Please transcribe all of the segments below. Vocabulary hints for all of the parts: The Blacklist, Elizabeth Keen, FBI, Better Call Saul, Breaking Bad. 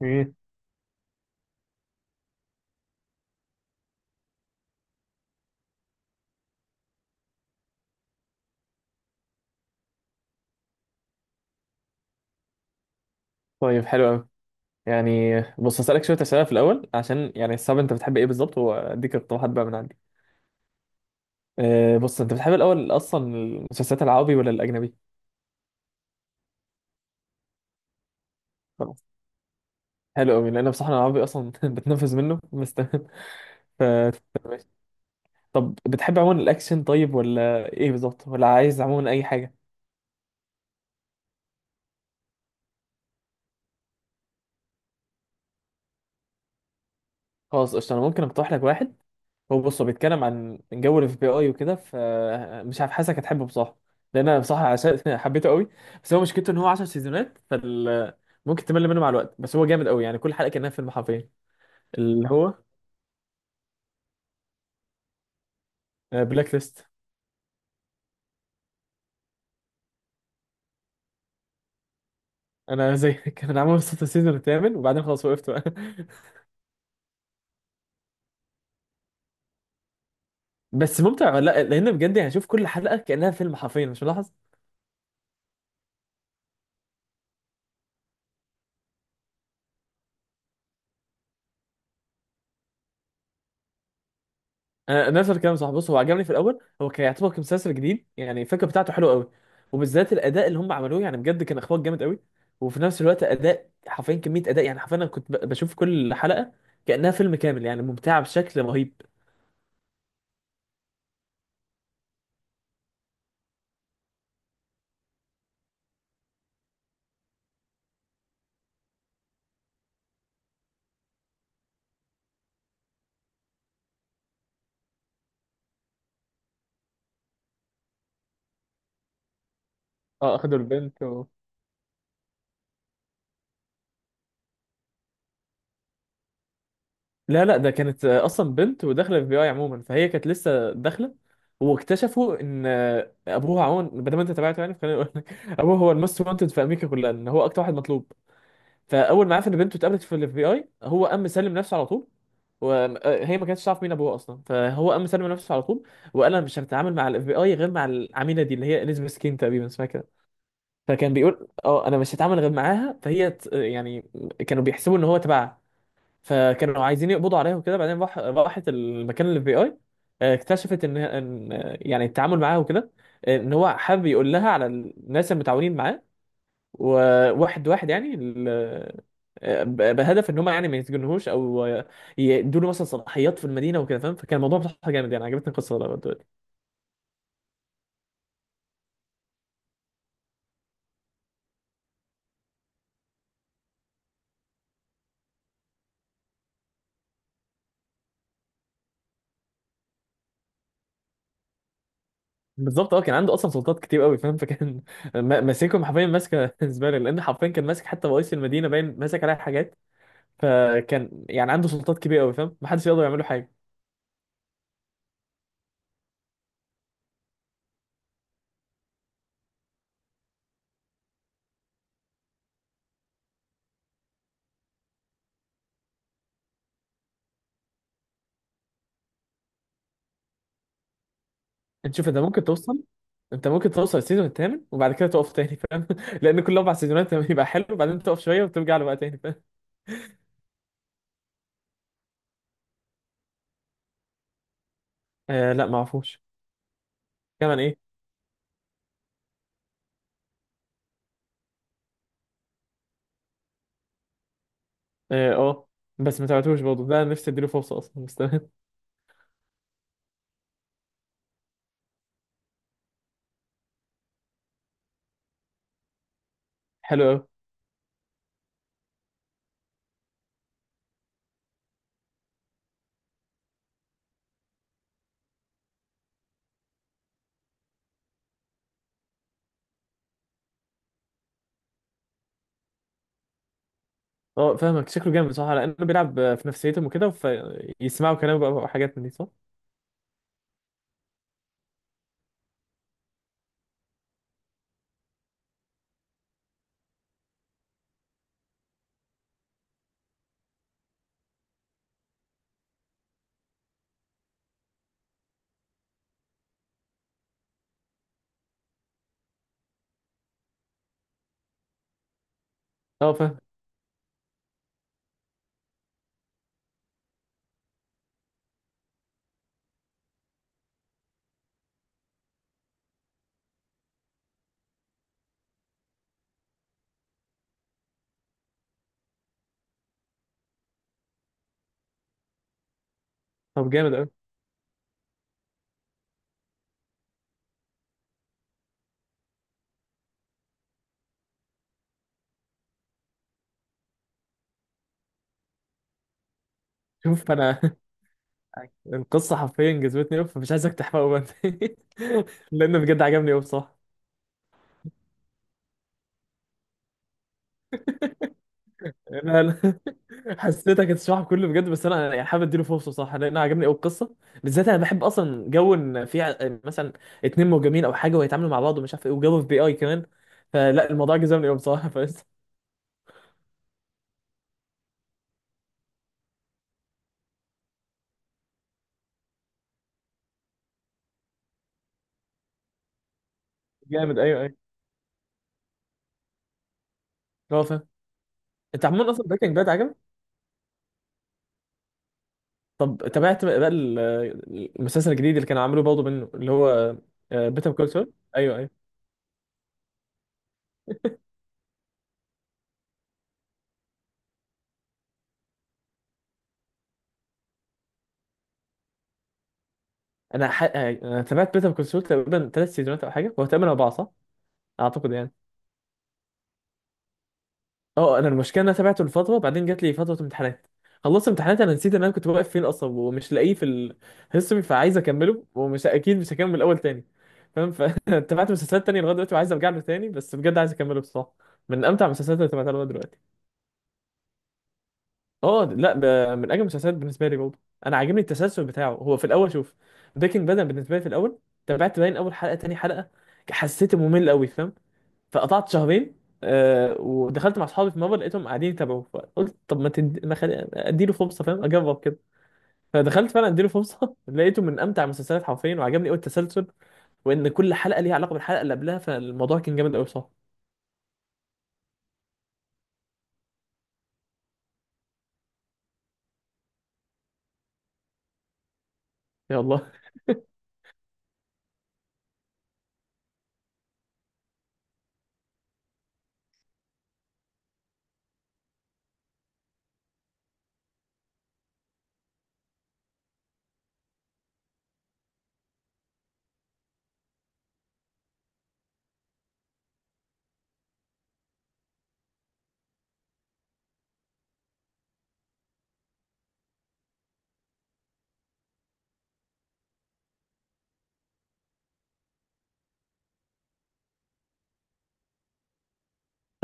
مم. طيب، حلو قوي. يعني بص هسألك شوية أسئلة في الأول عشان يعني الصعب أنت بتحب إيه بالظبط وأديك اقتراحات بقى من عندي. أه بص، أنت بتحب الأول أصلا المسلسلات العربي ولا الأجنبي؟ خلاص، حلو قوي لأن بصراحة أنا العربي أصلا بتنفذ منه، بس تمام. ف ماشي. طب بتحب عموما الأكشن طيب، ولا إيه بالظبط، ولا عايز عموما أي حاجة؟ خلاص قشطة، أنا ممكن أقترح لك واحد. بص هو بيتكلم عن جو الاف بي اي وكده، فمش عارف حاسك هتحبه بصراحه. لان انا بصراحه عشان حبيته قوي. بس هو مشكلته ان هو 10 سيزونات، ممكن تمل منه مع الوقت، بس هو جامد قوي يعني كل حلقه كانها فيلم حرفيا. اللي هو بلاك ليست. انا زيك انا عامل وصلت السيزون الثامن وبعدين خلاص وقفت بقى. بس ممتع ولا لا؟ لان بجد يعني شوف كل حلقه كانها فيلم حرفيا، مش ملاحظ؟ نفس الكلام صح. بص هو عجبني في الاول، هو كان يعتبر كمسلسل جديد، يعني الفكره بتاعته حلوه قوي. وبالذات الاداء اللي هم عملوه، يعني بجد كان اخراج جامد قوي. وفي نفس الوقت اداء حرفيا، كميه اداء يعني حرفيا. انا كنت بشوف كل حلقه كانها فيلم كامل، يعني ممتعه بشكل رهيب. اه، اخدوا البنت و... لا لا، ده كانت اصلا بنت وداخله اف بي اي عموما، فهي كانت لسه داخله. واكتشفوا ان ابوها عموما، بدل ما انت تابعته يعني، فخليني اقول لك ابوه هو الموست وانتد في امريكا كلها، ان هو اكتر واحد مطلوب. فاول ما عرف ان بنته اتقابلت في الاف بي اي، هو قام مسلم نفسه على طول. وهي ما كانتش تعرف مين ابوه اصلا، فهو قام مسلم نفسه على طول. وقال انا مش هتعامل مع الاف بي اي غير مع العميله دي، اللي هي اليزابيث كين تقريبا اسمها كده. فكان بيقول اه انا مش هتعامل غير معاها. فهي يعني كانوا بيحسبوا ان هو تبعها، فكانوا عايزين يقبضوا عليها وكده. بعدين راحت المكان الاف بي اي، اكتشفت ان ان يعني التعامل معاها وكده، ان هو حابب يقول لها على الناس المتعاونين معاه. وواحد واحد يعني بهدف ان هم يعني ما يتجنهوش او يدوا له مثلا صلاحيات في المدينه وكده، فاهم؟ فكان الموضوع بصراحه جامد، يعني عجبتني القصه لغاية دلوقتي. بالظبط اه، كان عنده اصلا سلطات كتير قوي، فاهم؟ فكان ماسكهم حرفيا، ماسكه زباله. لان حرفيا كان ماسك حتى رئيس المدينه، باين ماسك عليها حاجات. فكان يعني عنده سلطات كبيره قوي، فاهم؟ ما حدش يقدر يعمل له حاجه. انت شوف، انت ممكن توصل السيزون الثامن وبعد كده تقف تاني، فاهم؟ لان كل اربع سيزونات يبقى حلو، وبعدين تقف شويه وترجع له بقى تاني، فاهم؟ آه لا، ما اعرفوش. كمان ايه؟ اه، آه. بس ما تابعتوش برضه، ده نفسي اديله فرصه اصلا، بس تمام. حلو قوي. اه فاهمك، شكله جامد صح، لانه بيلعب في نفسيتهم وكده، فيسمعوا كلامه بقى وحاجات من دي، صح. اه فاهم. طب جامد قوي. شوف انا القصه حرفيا جذبتني قوي، فمش عايزك تحرقه بقى. لانه بجد عجبني قوي بصراحه. أنا حسيتك هتشرح كله بجد. بس انا يعني حابب اديله فرصه، صح، لان أنا عجبني قوي القصه. بالذات انا بحب اصلا جو ان في مثلا اتنين مهاجمين او حاجه ويتعاملوا مع بعض ومش عارف ايه، وجو في بي اي كمان. فلا، الموضوع جذبني قوي بصراحه. فلسه جامد، ايوه ايوه. هو فاهم. انت عموما اصلا بريكنج باد عجبك؟ طب تابعت بقى المسلسل الجديد اللي كانوا عاملوه برضه منه، اللي هو بيتر كول سول؟ ايوه ايوه. انا ح... آه، انا تابعت بيتر كول سول تقريبا 3 سيزونات او حاجه، هو تقريبا اربعه صح، اعتقد يعني. اه، انا المشكله إن انا تابعته لفتره بعدين جات لي فتره امتحانات. خلصت امتحانات انا نسيت ان انا كنت واقف فين اصلا، ومش لاقيه في الهيستوري. فعايز اكمله ومش اكيد، مش هكمل الاول تاني، فاهم؟ فتابعت مسلسلات تانية لغايه دلوقتي، وعايز ارجع له تاني، بس بجد عايز اكمله بصراحه. من امتع المسلسلات اللي تابعتها لغايه دلوقتي. اه لا، ده من اجمل المسلسلات بالنسبه لي برضه. انا عاجبني التسلسل بتاعه. هو في الاول شوف، بريكنج باد أنا بالنسبه لي في الاول تابعت باين اول حلقه تاني حلقه، حسيت ممل قوي، فاهم؟ فقطعت شهرين. آه، ودخلت مع اصحابي في مره لقيتهم قاعدين يتابعوا، فقلت طب ما تدي ما خلي... اديله فرصه، فاهم، اجرب كده. فدخلت فعلا اديله فرصه، لقيته من امتع المسلسلات حرفيا، وعجبني قوي التسلسل، وان كل حلقه ليها علاقه بالحلقه اللي قبلها، فالموضوع كان جامد قوي، صح. يا الله.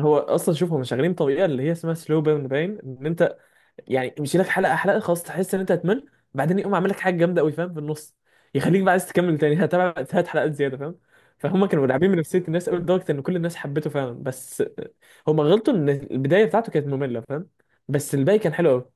هو اصلا شوف هم شغالين بطريقه اللي هي اسمها سلو بيرن. باين ان انت يعني يمشي لك حلقه حلقه، خلاص تحس ان انت هتمل، بعدين يقوم عامل لك حاجه جامده قوي فاهم، في النص، يخليك بقى عايز تكمل تاني هتابع هات حلقات زياده، فاهم؟ فهم كانوا لاعبين بنفسيه الناس قوي، لدرجه ان كل الناس حبته فعلا. بس هم غلطوا ان البدايه بتاعته كانت ممله، فاهم؟ بس الباقي كان حلو قوي.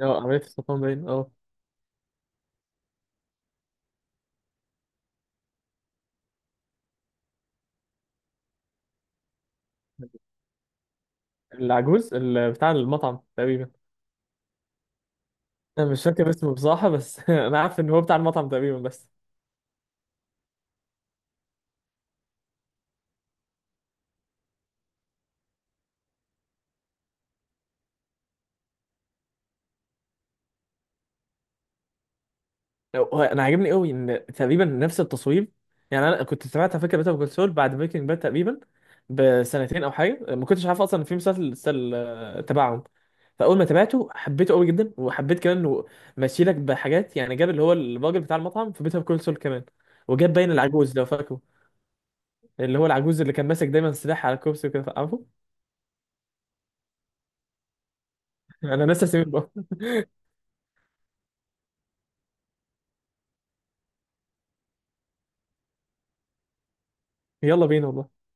اه، عمليه السرطان باين، اه. العجوز بتاع المطعم تقريبا. انا مش فاكر اسمه بصراحه، بس انا عارف ان هو بتاع المطعم تقريبا بس. هو انا عاجبني قوي ان تقريبا نفس التصوير. يعني انا كنت سمعت على فكره بيتر كول سول بعد بريكنج باد تقريبا بسنتين او حاجه. ما كنتش عارف اصلا ان في مسلسل مسلسل، آه، تبعهم. فاول ما تابعته حبيته قوي جدا، وحبيت كمان انه ماشي لك بحاجات، يعني جاب اللي هو الراجل بتاع المطعم في بيتر كول سول كمان. وجاب باين العجوز لو فاكره، اللي هو العجوز اللي كان ماسك دايما سلاح على الكرسي وكده، عارفه؟ انا ناسي اسمه بقى. يلا بينا والله.